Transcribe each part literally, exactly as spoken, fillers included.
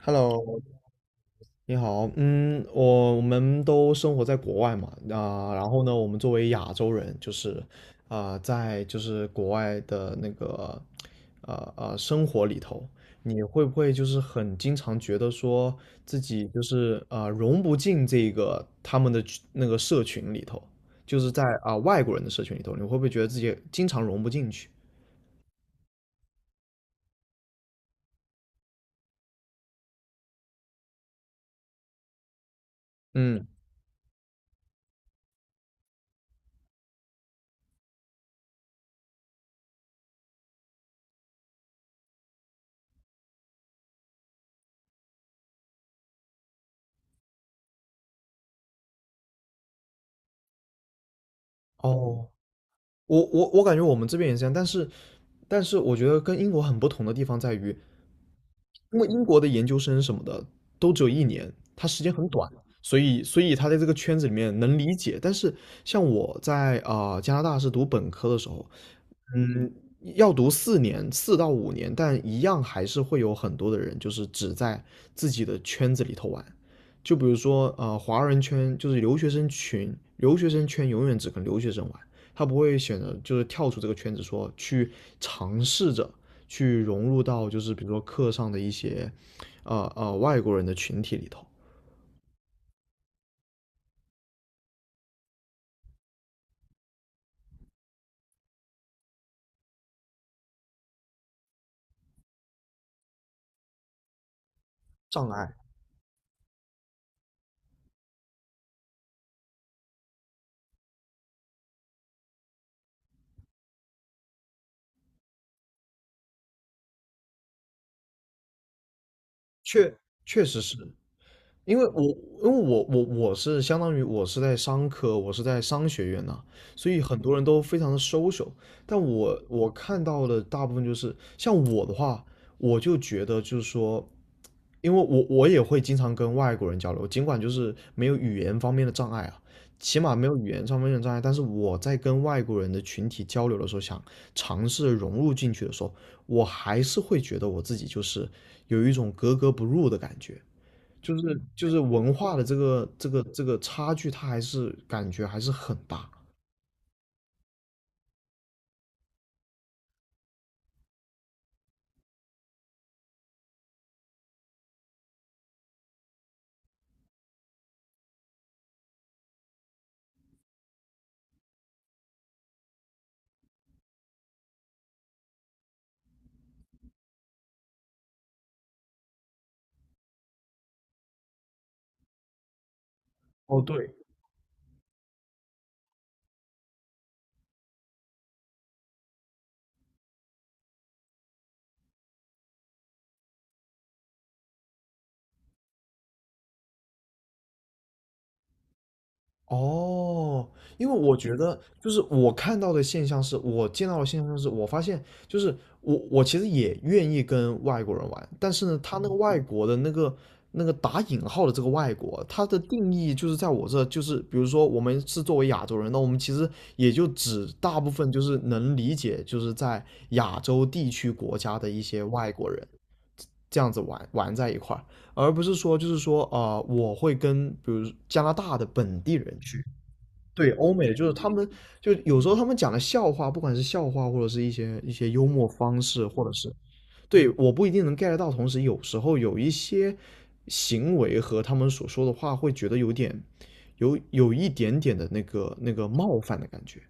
Hello，你好，嗯，我我们都生活在国外嘛，啊、然后呢，我们作为亚洲人，就是啊、在就是国外的那个呃呃生活里头，你会不会就是很经常觉得说自己就是啊融不进这个他们的群那个社群里头，就是在啊、外国人的社群里头，你会不会觉得自己经常融不进去？嗯，哦，我我我感觉我们这边也是这样，但是但是我觉得跟英国很不同的地方在于，因为英国的研究生什么的都只有一年，他时间很短，所以所以他在这个圈子里面能理解。但是像我在啊、呃加拿大是读本科的时候，嗯，要读四年，四到五年，但一样还是会有很多的人，就是只在自己的圈子里头玩。就比如说，呃，华人圈就是留学生群，留学生圈永远只跟留学生玩，他不会选择就是跳出这个圈子说，去尝试着去融入到就是比如说课上的一些，呃呃外国人的群体里头。障碍确确实是，因为我因为我我我是相当于我是在商科，我是在商学院呐、所以很多人都非常的 social。但我我看到的大部分就是像我的话，我就觉得就是说，因为我我也会经常跟外国人交流，尽管就是没有语言方面的障碍啊，起码没有语言上面的障碍。但是我在跟外国人的群体交流的时候，想尝试融入进去的时候，我还是会觉得我自己就是有一种格格不入的感觉。就是就是文化的这个这个这个差距，它还是感觉还是很大。哦，对，哦，因为我觉得就是我看到的现象是，我见到的现象是，我发现就是我我其实也愿意跟外国人玩，但是呢，他那个外国的那个那个打引号的这个外国，他的定义就是在我这，就是比如说我们是作为亚洲人，那我们其实也就只大部分就是能理解，就是在亚洲地区国家的一些外国人这样子玩玩在一块儿，而不是说就是说啊、呃我会跟比如加拿大的本地人去，对欧美的，就是他们就有时候他们讲的笑话，不管是笑话或者是一些一些幽默方式，或者是对我不一定能 get 到，同时有时候有一些行为和他们所说的话，会觉得有点有有一点点的那个那个冒犯的感觉。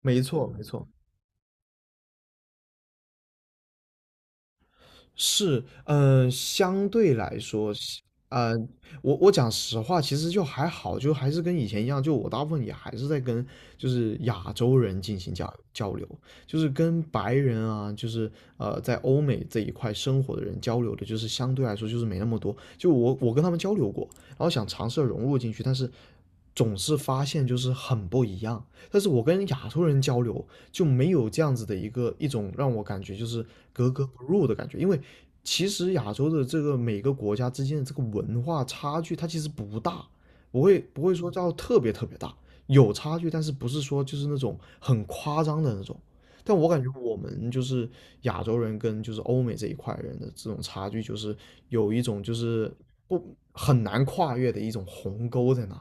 没错，没错。是，嗯、相对来说，呃，我我讲实话，其实就还好，就还是跟以前一样，就我大部分也还是在跟就是亚洲人进行交交流，就是跟白人啊，就是呃在欧美这一块生活的人交流的，就是相对来说就是没那么多。就我我跟他们交流过，然后想尝试着融入进去，但是总是发现就是很不一样。但是我跟亚洲人交流，就没有这样子的一个一种让我感觉就是格格不入的感觉，因为其实亚洲的这个每个国家之间的这个文化差距，它其实不大，不会不会说叫特别特别大，有差距，但是不是说就是那种很夸张的那种。但我感觉我们就是亚洲人跟就是欧美这一块人的这种差距，就是有一种就是不很难跨越的一种鸿沟在那。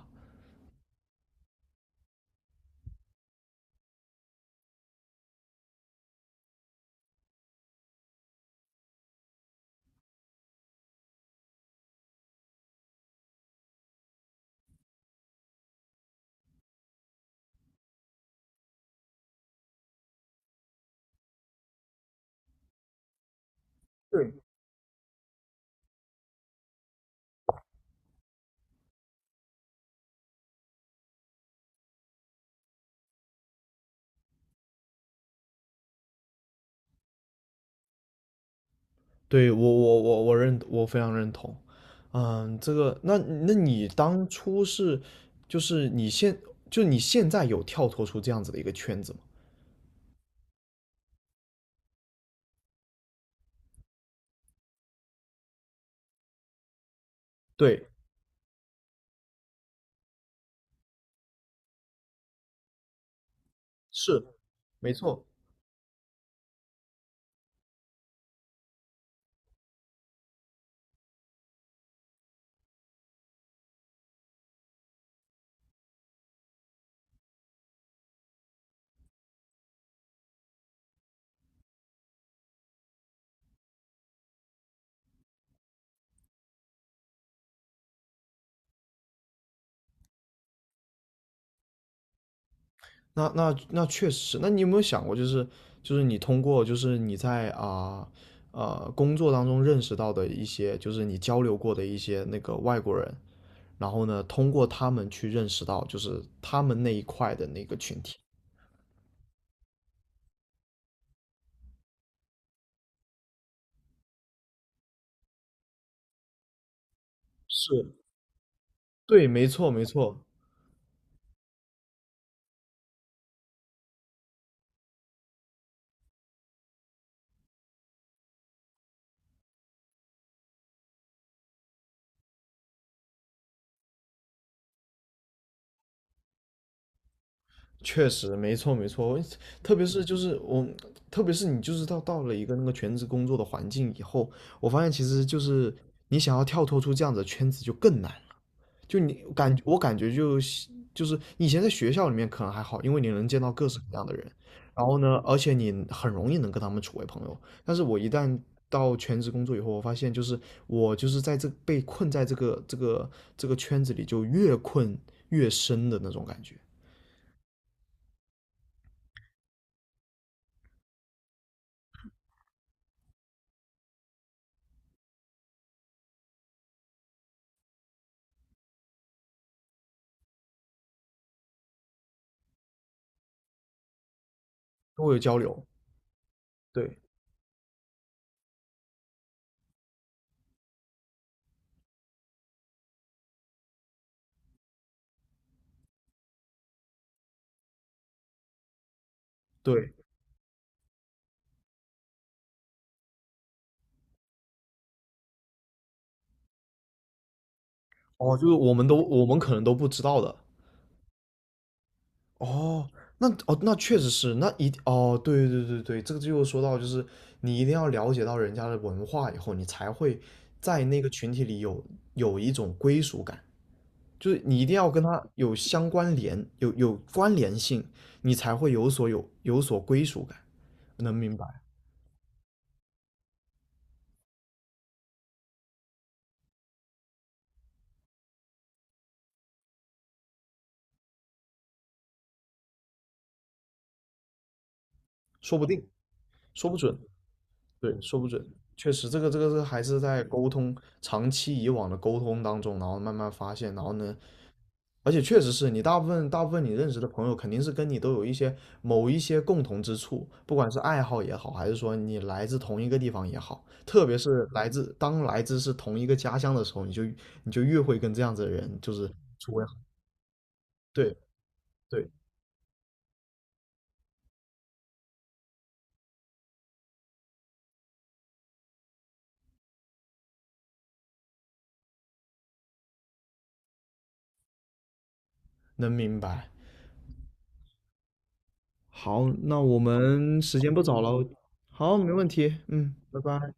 对我我我我认我非常认同，嗯，这个那那你当初是就是你现就你现在有跳脱出这样子的一个圈子吗？对，是，没错。那那那确实，那你有没有想过，就是就是你通过就是你在啊呃工作当中认识到的一些，就是你交流过的一些那个外国人，然后呢，通过他们去认识到就是他们那一块的那个群体。是，对，没错没错。确实，没错没错，特别是就是我，特别是你就是到到了一个那个全职工作的环境以后，我发现其实就是你想要跳脱出这样子的圈子就更难。就你感我感觉就是就是以前在学校里面可能还好，因为你能见到各式各样的人，然后呢，而且你很容易能跟他们处为朋友。但是我一旦到全职工作以后，我发现就是我就是在这被困在这个这个这个圈子里，就越困越深的那种感觉，跟我有交流。对，对，哦，就是我们都我们可能都不知道的。哦，那哦那确实是，那一哦对对对对，这个就说到就是你一定要了解到人家的文化以后，你才会在那个群体里有有一种归属感，就是你一定要跟他有相关联，有有关联性，你才会有所有有所归属感，能明白？说不定，说不准。对，说不准，确实，这个这个是还是在沟通，长期以往的沟通当中，然后慢慢发现，然后呢，而且确实是你大部分大部分你认识的朋友，肯定是跟你都有一些某一些共同之处，不管是爱好也好，还是说你来自同一个地方也好，特别是来自当来自是同一个家乡的时候，你就你就越会跟这样子的人就是处为好，对对，能明白。好，那我们时间不早了，好，没问题，嗯，拜拜。